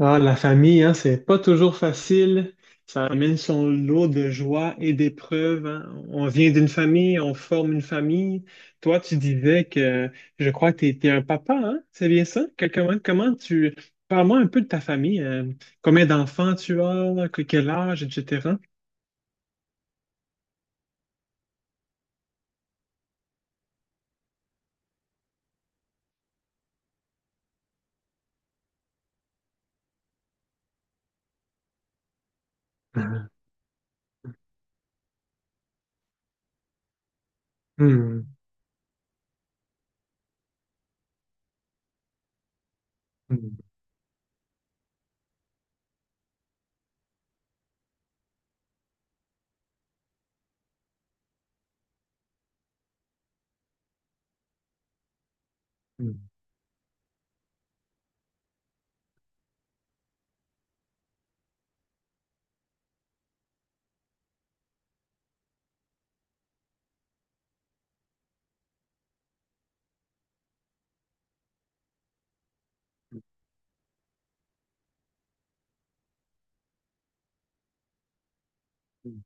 Ah, la famille, hein, c'est pas toujours facile. Ça amène son lot de joie et d'épreuves, hein. On vient d'une famille, on forme une famille. Toi, tu disais que je crois que tu es un papa, hein? C'est bien ça? Comment, comment tu... Parle-moi un peu de ta famille. Combien d'enfants tu as, quel âge, etc. Hmm, hmm, hmm, hmm,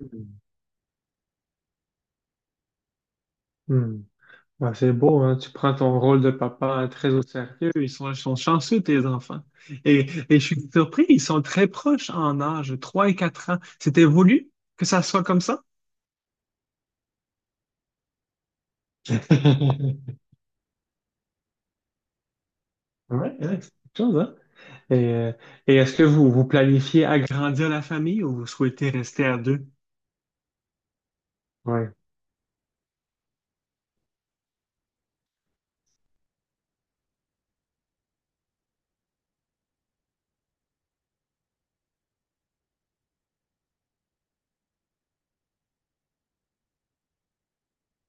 hmm, hmm. Bah, c'est beau, hein. Tu prends ton rôle de papa, hein, très au sérieux. Ils sont chanceux, tes enfants. Et je suis surpris, ils sont très proches en âge, 3 et 4 ans. C'était voulu que ça soit comme ça? Ouais, ouais, c'est quelque chose, hein. Et, euh, et est-ce que vous planifiez agrandir la famille ou vous souhaitez rester à deux? Ouais.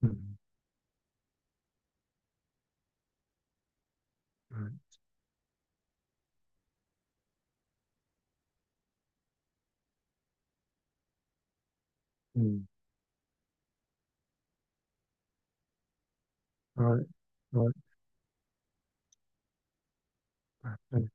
Mhm. Ouais. Mhm. Ouais. Ouais.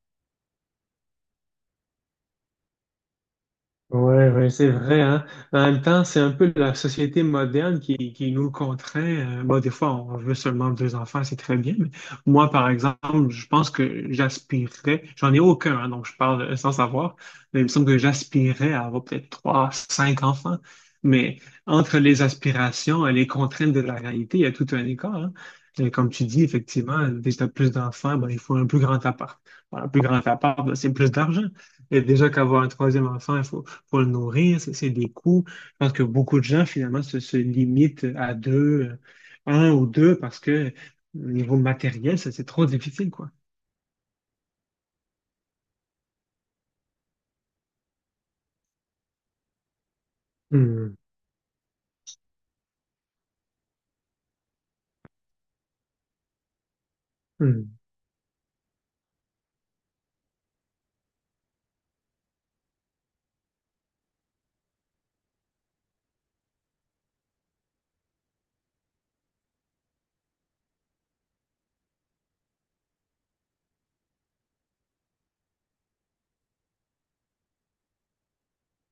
Ouais, ouais, c'est vrai, hein. Mais en même temps, c'est un peu la société moderne qui nous contraint. Bon, des fois, on veut seulement deux enfants, c'est très bien. Mais moi, par exemple, je pense que j'aspirerais, j'en ai aucun, hein, donc je parle sans savoir, mais il me semble que j'aspirerais à avoir peut-être trois, cinq enfants. Mais entre les aspirations et les contraintes de la réalité, il y a tout un écart, hein. Et comme tu dis, effectivement, dès que tu as plus d'enfants, ben, il faut un plus grand appart. Voilà, un plus grand appart, ben, c'est plus d'argent. Et déjà qu'avoir un troisième enfant, il faut pour le nourrir, c'est des coûts. Je pense que beaucoup de gens, finalement, se limitent à deux, un ou deux, parce que au niveau matériel, ça, c'est trop difficile, quoi. Hmm, hmm,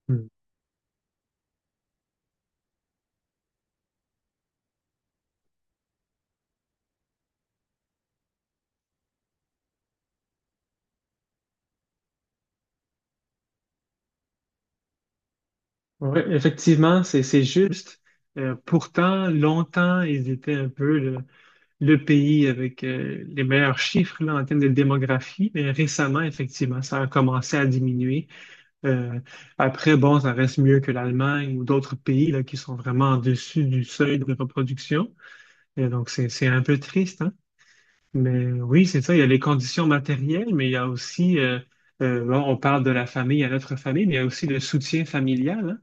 hmm. Ouais, effectivement, c'est juste. Pourtant, longtemps, ils étaient un peu le pays avec les meilleurs chiffres là, en termes de démographie, mais récemment, effectivement, ça a commencé à diminuer. Euh, Après, bon, ça reste mieux que l'Allemagne ou d'autres pays là, qui sont vraiment en dessus du seuil de reproduction. Et donc, c'est un peu triste, hein? Mais oui, c'est ça, il y a les conditions matérielles, mais il y a aussi, bon, on parle de la famille à notre famille, mais il y a aussi le soutien familial, hein.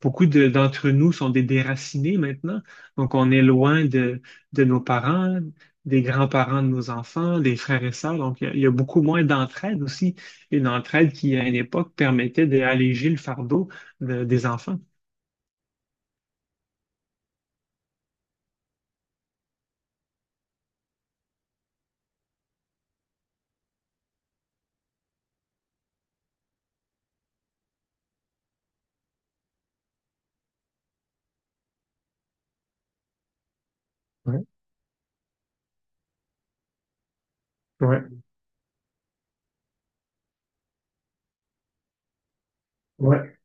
D'entre nous sont des déracinés maintenant, donc on est loin de nos parents, des grands-parents de nos enfants, des frères et sœurs, donc il y a beaucoup moins d'entraide aussi, une entraide qui, à une époque, permettait d'alléger le fardeau des enfants. Ouais, ouais, ouais.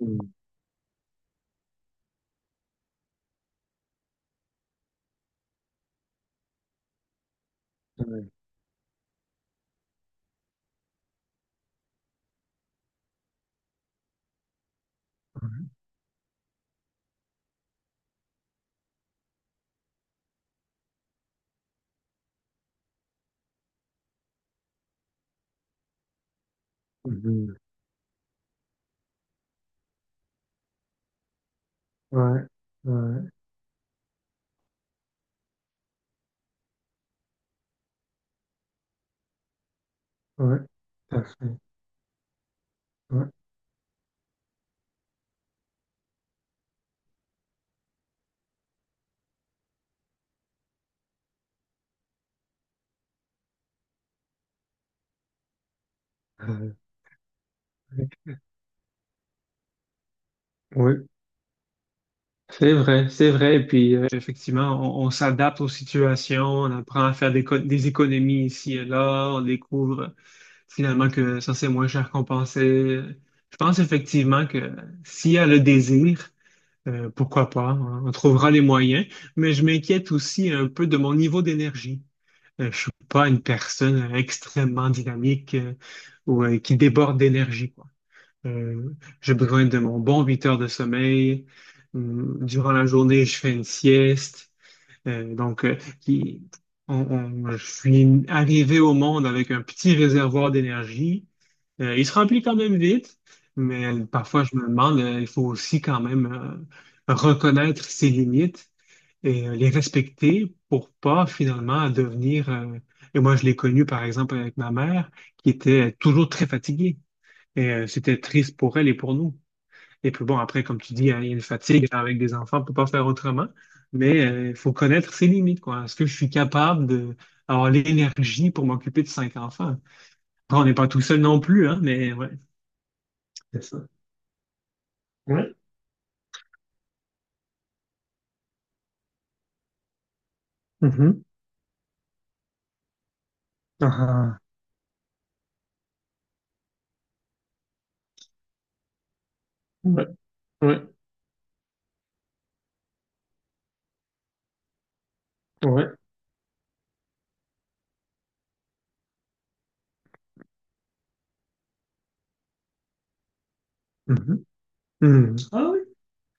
Mm. Ouais. Ouais. Mhm. Ouais, ouais, ouais, tout à fait. Ouais, euh, ouais. C'est vrai, c'est vrai. Et puis, effectivement, on s'adapte aux situations, on apprend à faire des, des économies ici et là, on découvre finalement que ça, c'est moins cher qu'on pensait. Je pense effectivement que s'il y a le désir, pourquoi pas, hein, on trouvera les moyens. Mais je m'inquiète aussi un peu de mon niveau d'énergie. Je suis pas une personne extrêmement dynamique ou qui déborde d'énergie. Euh, j'ai besoin de mon bon 8 heures de sommeil. Hum. Durant la journée, je fais une sieste. Euh, donc, euh, qui- je suis arrivé au monde avec un petit réservoir d'énergie. Il se remplit quand même vite, mais parfois je me demande, il faut aussi quand même reconnaître ses limites et, les respecter pour pas finalement devenir... Et moi, je l'ai connu par exemple avec ma mère qui était toujours très fatiguée. Et c'était triste pour elle et pour nous. Et puis bon, après, comme tu dis, hein, il y a une fatigue avec des enfants, on ne peut pas faire autrement. Mais il faut connaître ses limites, quoi. Est-ce que je suis capable de avoir l'énergie pour m'occuper de cinq enfants? Après, on n'est pas tout seul non plus, hein, mais ouais, c'est ça. Ouais. Mhm. Ah, ouais. Ouais. Ouais. Mhm. Mhm. Ah oui.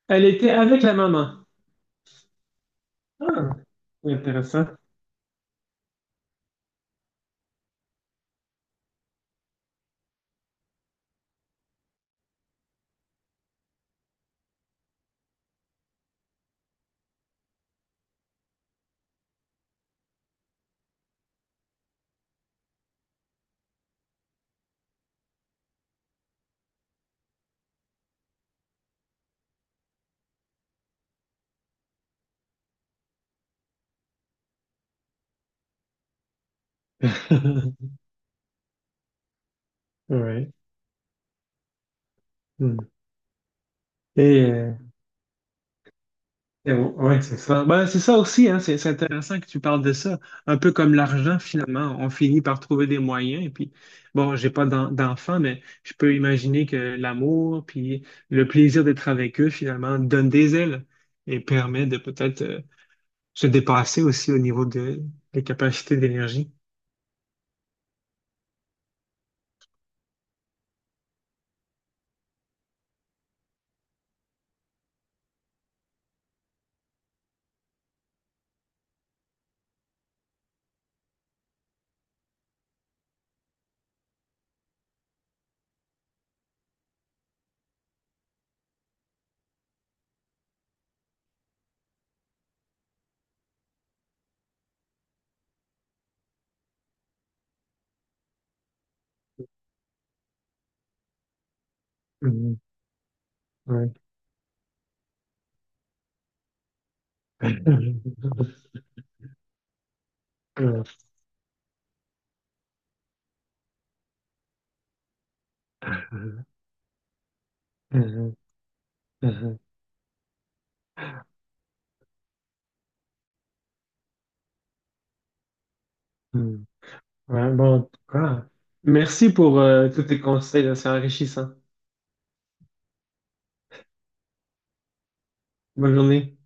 Elle était avec la maman. Ah, intéressant. Ouais. Ouais. Et eh oui, ouais, c'est ça. Ben, c'est ça aussi, hein, c'est intéressant que tu parles de ça. Un peu comme l'argent, finalement, on finit par trouver des moyens. Et puis, bon, j'ai pas d'enfants, mais je peux imaginer que l'amour, puis le plaisir d'être avec eux, finalement, donne des ailes et permet de peut-être, se dépasser aussi au niveau de, des capacités d'énergie. Mhm. Ouais. Mhm. Mhm. Mhm. Ouais, bon, en tout cas, merci pour tous tes conseils, là, c'est enrichissant. Bonne journée.